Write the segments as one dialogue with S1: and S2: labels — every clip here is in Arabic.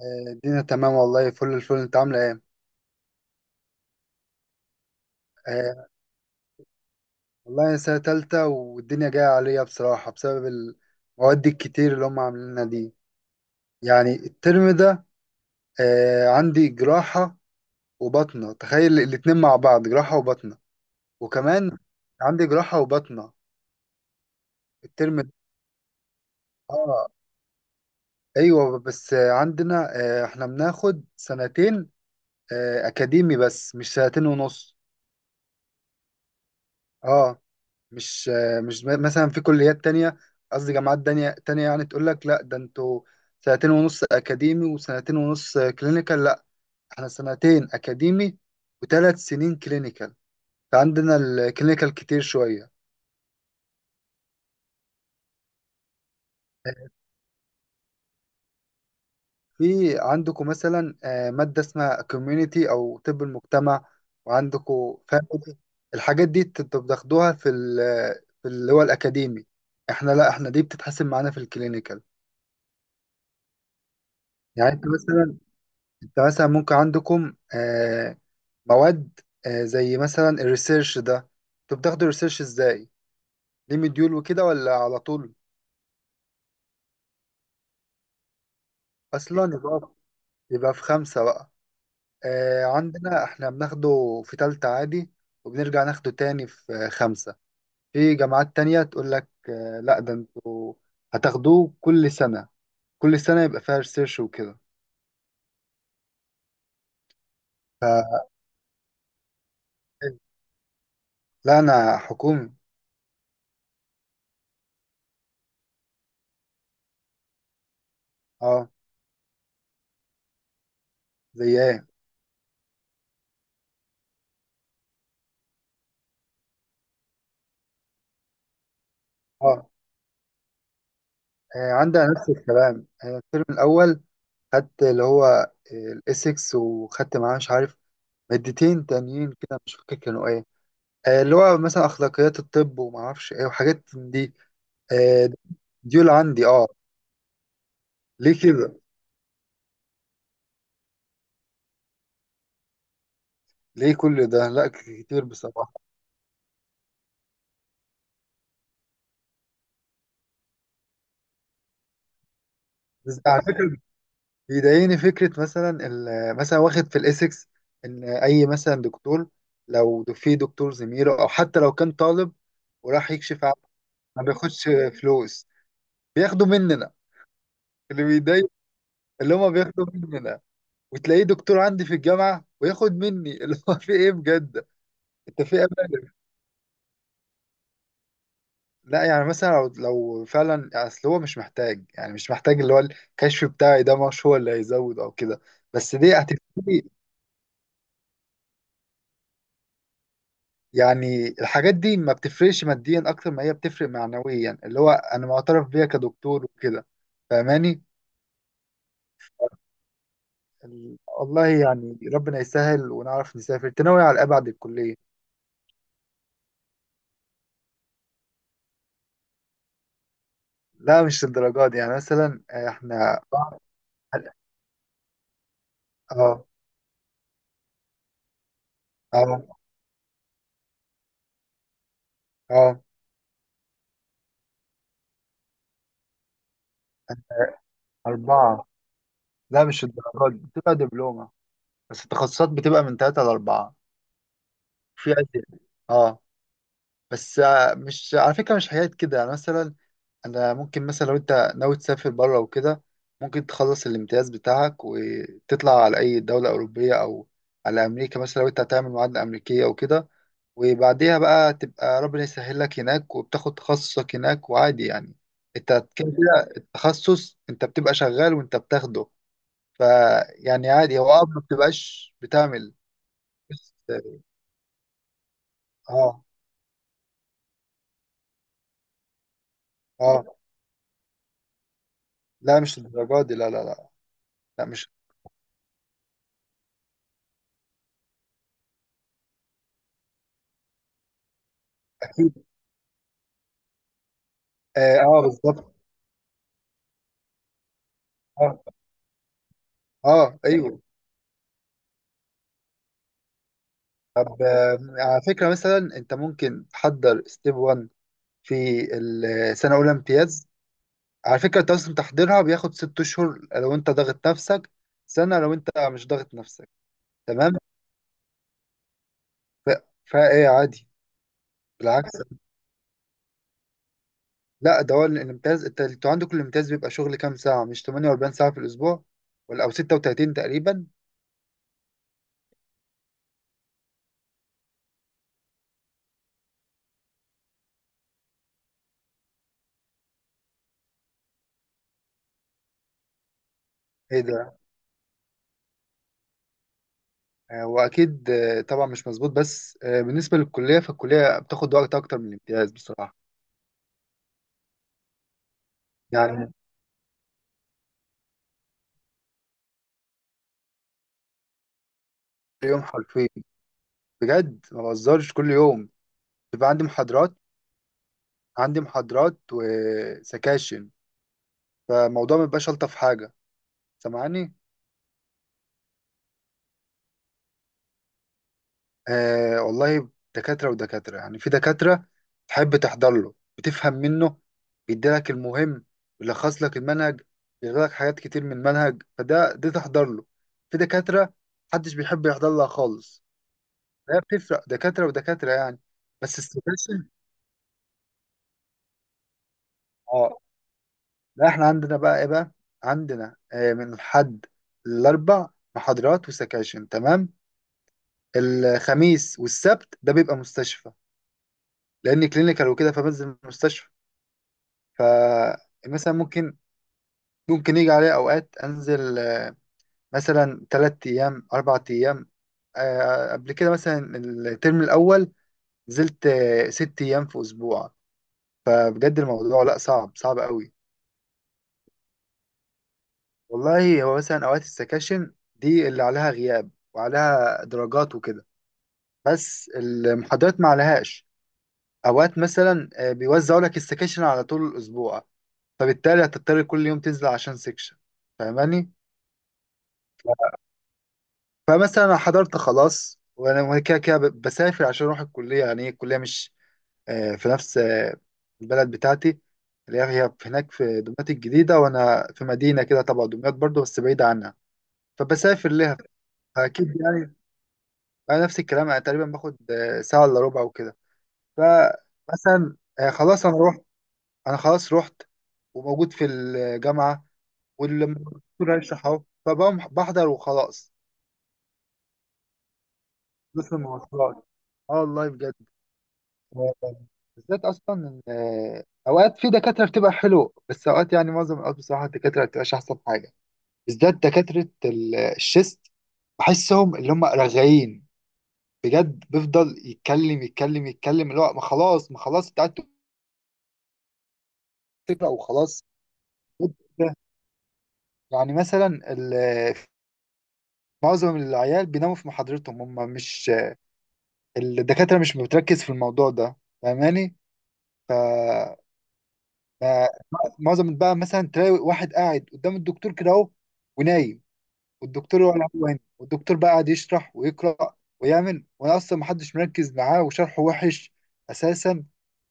S1: الدنيا تمام والله، فل الفل، انت عامله ايه؟ آه، والله انا سنه تالتة والدنيا جايه عليا بصراحه بسبب المواد الكتير اللي هم عاملينها دي، يعني الترم ده. عندي جراحه وبطنه، تخيل الاتنين مع بعض جراحه وبطنه، وكمان عندي جراحه وبطنه الترم ده. اه، ايوه، بس عندنا احنا بناخد سنتين اكاديمي، بس مش سنتين ونص. اه. مش مش مثلا في كليات تانية، قصدي جامعات تانية تانية، يعني تقول لك لا ده انتوا سنتين ونص أكاديمي وسنتين ونص كلينيكال. لا، احنا سنتين أكاديمي وثلاث سنين كلينيكال، فعندنا الكلينيكال كتير شوية. في عندكم مثلا مادة اسمها كوميونيتي أو طب المجتمع، وعندكم فاميلي؟ الحاجات دي انتوا بتاخدوها في اللي هو الأكاديمي؟ احنا لا، دي بتتحسب معانا في الكلينيكال. يعني انت مثلا ممكن عندكم مواد، زي مثلا الريسيرش ده، انتوا بتاخدوا الريسيرش ازاي؟ ليه مديول وكده ولا على طول؟ اصلا يبقى في خمسة بقى. عندنا احنا بناخده في تالتة عادي، وبنرجع ناخده تاني في خمسة. في جامعات تانية تقول لك لا ده انتوا هتاخدوه كل سنة، كل سنة يبقى فيها ريسيرش وكده. لا، انا حكومي. اه. زي ايه؟ اه. عندنا نفس الكلام، الترم الاول خدت اللي هو الاسكس، وخدت معاه مش عارف مادتين تانيين كده، مش فاكر كانوا ايه، اللي هو مثلا اخلاقيات الطب وما اعرفش ايه وحاجات من دي. آه، ديول عندي. اه. ليه كده؟ ليه كل ده؟ لا كتير بصراحه. بس على فكره بيضايقني فكره مثلا، مثلا واخد في الاسكس، ان اي مثلا دكتور، لو في دكتور زميله او حتى لو كان طالب وراح يكشف عنه ما بياخدش فلوس، بياخدوا مننا. اللي بيضايق اللي هما بياخدوا مننا، وتلاقيه دكتور عندي في الجامعة وياخد مني اللي هو في ايه بجد؟ انت في امانة؟ لا يعني، مثلا لو فعلا اصل هو مش محتاج، يعني مش محتاج اللي هو الكشف بتاعي ده، مش هو اللي هيزود او كده، بس دي هتفرق. يعني الحاجات دي ما بتفرقش ماديا اكتر ما هي بتفرق معنويا، اللي هو انا معترف بيها كدكتور وكده، فاهماني؟ والله يعني ربنا يسهل ونعرف نسافر، تناوي على ابعد الكلية؟ لا مش للدرجات دي، يعني مثلا احنا. اه. اه. اه. أربعة. لا مش الدرجات دي، بتبقى دبلومة، بس التخصصات بتبقى من تلاتة لأربعة، في أزيد. اه. بس مش على فكرة مش حاجات كده، يعني مثلا أنا ممكن مثلا لو أنت ناوي تسافر بره وكده، ممكن تخلص الامتياز بتاعك وتطلع على أي دولة أوروبية أو على أمريكا مثلا، لو أنت هتعمل معادلة أمريكية وكده، وبعديها بقى تبقى ربنا يسهل لك هناك وبتاخد تخصصك هناك وعادي، يعني أنت كده كده التخصص أنت بتبقى شغال وأنت بتاخده، فيعني عادي هو، اه، ما بتبقاش بتعمل. بس. اه. اه. آه، لا مش الدرجات دي، لا لا لا. لا مش. اكيد. اه، آه بالظبط. اه. اه. ايوه. طب على فكره مثلا انت ممكن تحضر ستيب 1 في السنه الاولى امتياز. على فكره انت اصلا تحضيرها بياخد 6 اشهر لو انت ضاغط نفسك، سنه لو انت مش ضاغط نفسك. تمام. فايه عادي. بالعكس، لا ده هو الامتياز. انتوا عندكم الامتياز بيبقى شغل كام ساعة؟ مش 48 ساعة في الأسبوع ولا أو 36 تقريبا؟ ايه ده؟ وأكيد طبعا مش مظبوط، بس بالنسبة للكلية، فالكلية بتاخد وقت أكتر من الامتياز بصراحة. يعني كل يوم حرفيا، بجد ما بهزرش، كل يوم بيبقى عندي محاضرات وسكاشن. فالموضوع ما بيبقاش ألطف حاجة، سامعني؟ آه والله، دكاترة ودكاترة، يعني في دكاترة تحب تحضر له، بتفهم منه، بيديلك المهم، بيلخص لك المنهج، بيغير لك حاجات كتير من المنهج، فده تحضر له. في دكاترة محدش بيحب يحضر لها خالص، هي بتفرق دكاترة ودكاترة يعني. بس السكاشن. اه. لا احنا عندنا بقى ايه بقى، عندنا من الحد الأربع محاضرات وسكاشن تمام. الخميس والسبت ده بيبقى مستشفى، لأن كلينيكال وكده، فبنزل المستشفى. فمثلا ممكن يجي عليا أوقات أنزل مثلا 3 أيام 4 أيام، قبل كده مثلا الترم الأول نزلت 6 أيام في أسبوع. فبجد الموضوع لأ، صعب صعب قوي. والله هو مثلا أوقات السكاشن دي اللي عليها غياب وعليها درجات وكده، بس المحاضرات ما عليهاش. أوقات مثلا بيوزعوا لك السكاشن على طول الأسبوع، فبالتالي هتضطر كل يوم تنزل عشان سكشن، فاهماني؟ فمثلا أنا حضرت خلاص، وانا كده كده بسافر عشان اروح الكليه، يعني هي الكليه مش في نفس البلد بتاعتي، اللي هي هناك في دمياط الجديده، وانا في مدينه كده تبع دمياط برضو بس بعيده عنها، فبسافر لها. اكيد يعني، انا نفس الكلام، انا تقريبا باخد ساعه الا ربع وكده. فمثلا خلاص انا رحت، انا خلاص رحت وموجود في الجامعه، والدكتور هيشرح اهو، فبقوم بحضر وخلاص. بس المواصلات، اه والله بجد. بالذات اصلا إن، آه، اوقات في دكاتره بتبقى حلو، بس اوقات يعني معظم الاوقات بصراحه الدكاتره ما بتبقاش احسن حاجه، بالذات دكاتره الشيست، بحسهم اللي هم رغايين بجد، بيفضل يتكلم يتكلم يتكلم، اللي هو ما خلاص ما خلاص، انت قاعد تقرا وخلاص. يعني مثلا، ال- معظم العيال بيناموا في محاضرتهم، هم مش الدكاتره مش بتركز في الموضوع ده، فاهماني؟ آه، معظم بقى مثلا تلاقي واحد قاعد قدام الدكتور كده اهو ونايم، والدكتور ولا هو هنا، والدكتور بقى قاعد يشرح ويقرأ ويعمل، وانا اصلا محدش مركز معاه وشرحه وحش اساسا.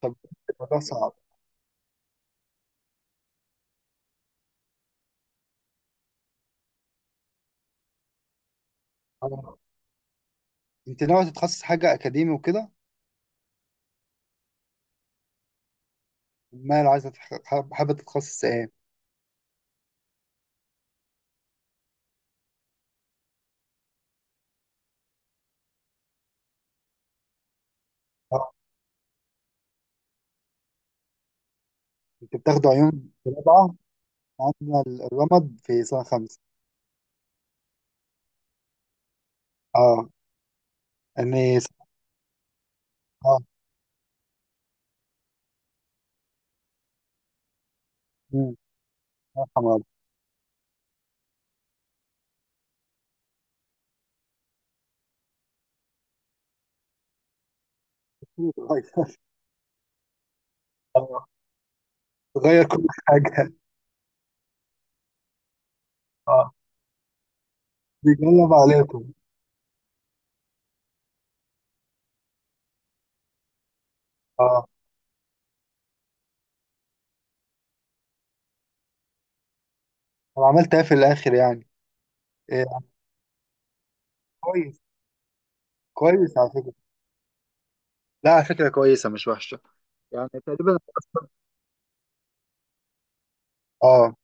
S1: طب الموضوع صعب. آه، انت ناوي تتخصص حاجة اكاديمي وكده؟ امال عايزة حابة تتخصص ايه؟ آه، انت بتاخده عيون في رابعة؟ عندنا الرمد في سنة خمسة. اه. اني. اه. مم. سنة حمراء. غير كل حاجة. آه. بيجلب عليكم. اه. انا عملت ايه في الاخر يعني؟ إيه يعني؟ كويس. كويس على فكره، لا على فكره كويسه مش وحشه، يعني تقريبا اه.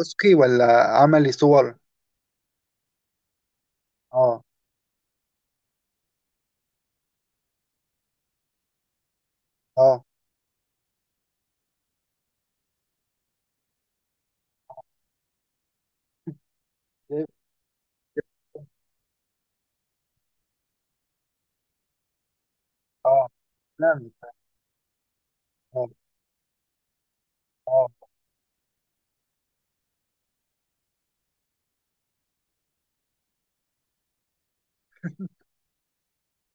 S1: اسكي ولا عملي صور؟ اه. اه. اه. نعم. اه. اه.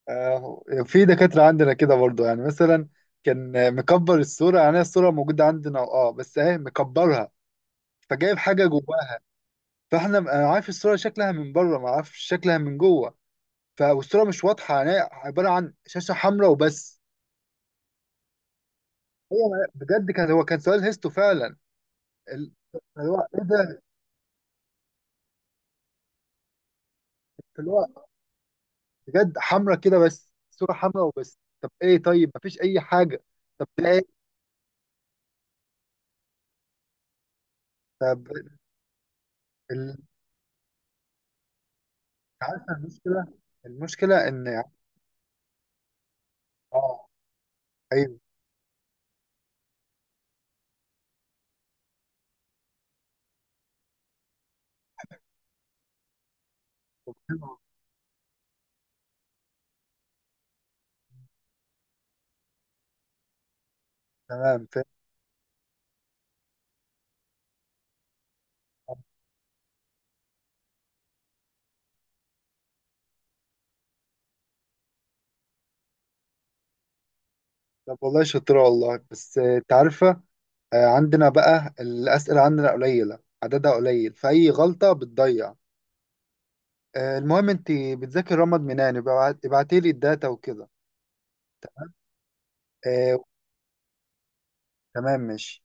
S1: آه، في دكاتره عندنا كده برضو، يعني مثلا كان مكبر الصوره، يعني الصوره موجوده عندنا، اه، بس اهي مكبرها، فجايب حاجه جواها. انا عارف الصوره شكلها من بره، ما اعرفش شكلها من جوه، فالصوره مش واضحه، يعني هي عباره عن شاشه حمراء وبس. هو بجد، هو كان سؤال هيستو فعلا، ال- اللي هو ايه ده، اللي هو بجد حمراء كده، بس صوره حمراء وبس، طب ايه؟ طيب مفيش اي حاجه، طب ده ايه؟ طب ال- عارفه المشكله، المشكله ان يعني. اه، ايوه. طب حلو. تمام فاهم. طب والله شاطرة والله، بس انت عارفة، عندنا بقى الأسئلة عندنا قليلة، عددها قليل، فأي غلطة بتضيع. المهم، انت بتذاكر رمض منان، يبقى ابعتي لي الداتا وكده. آه، تمام ماشي.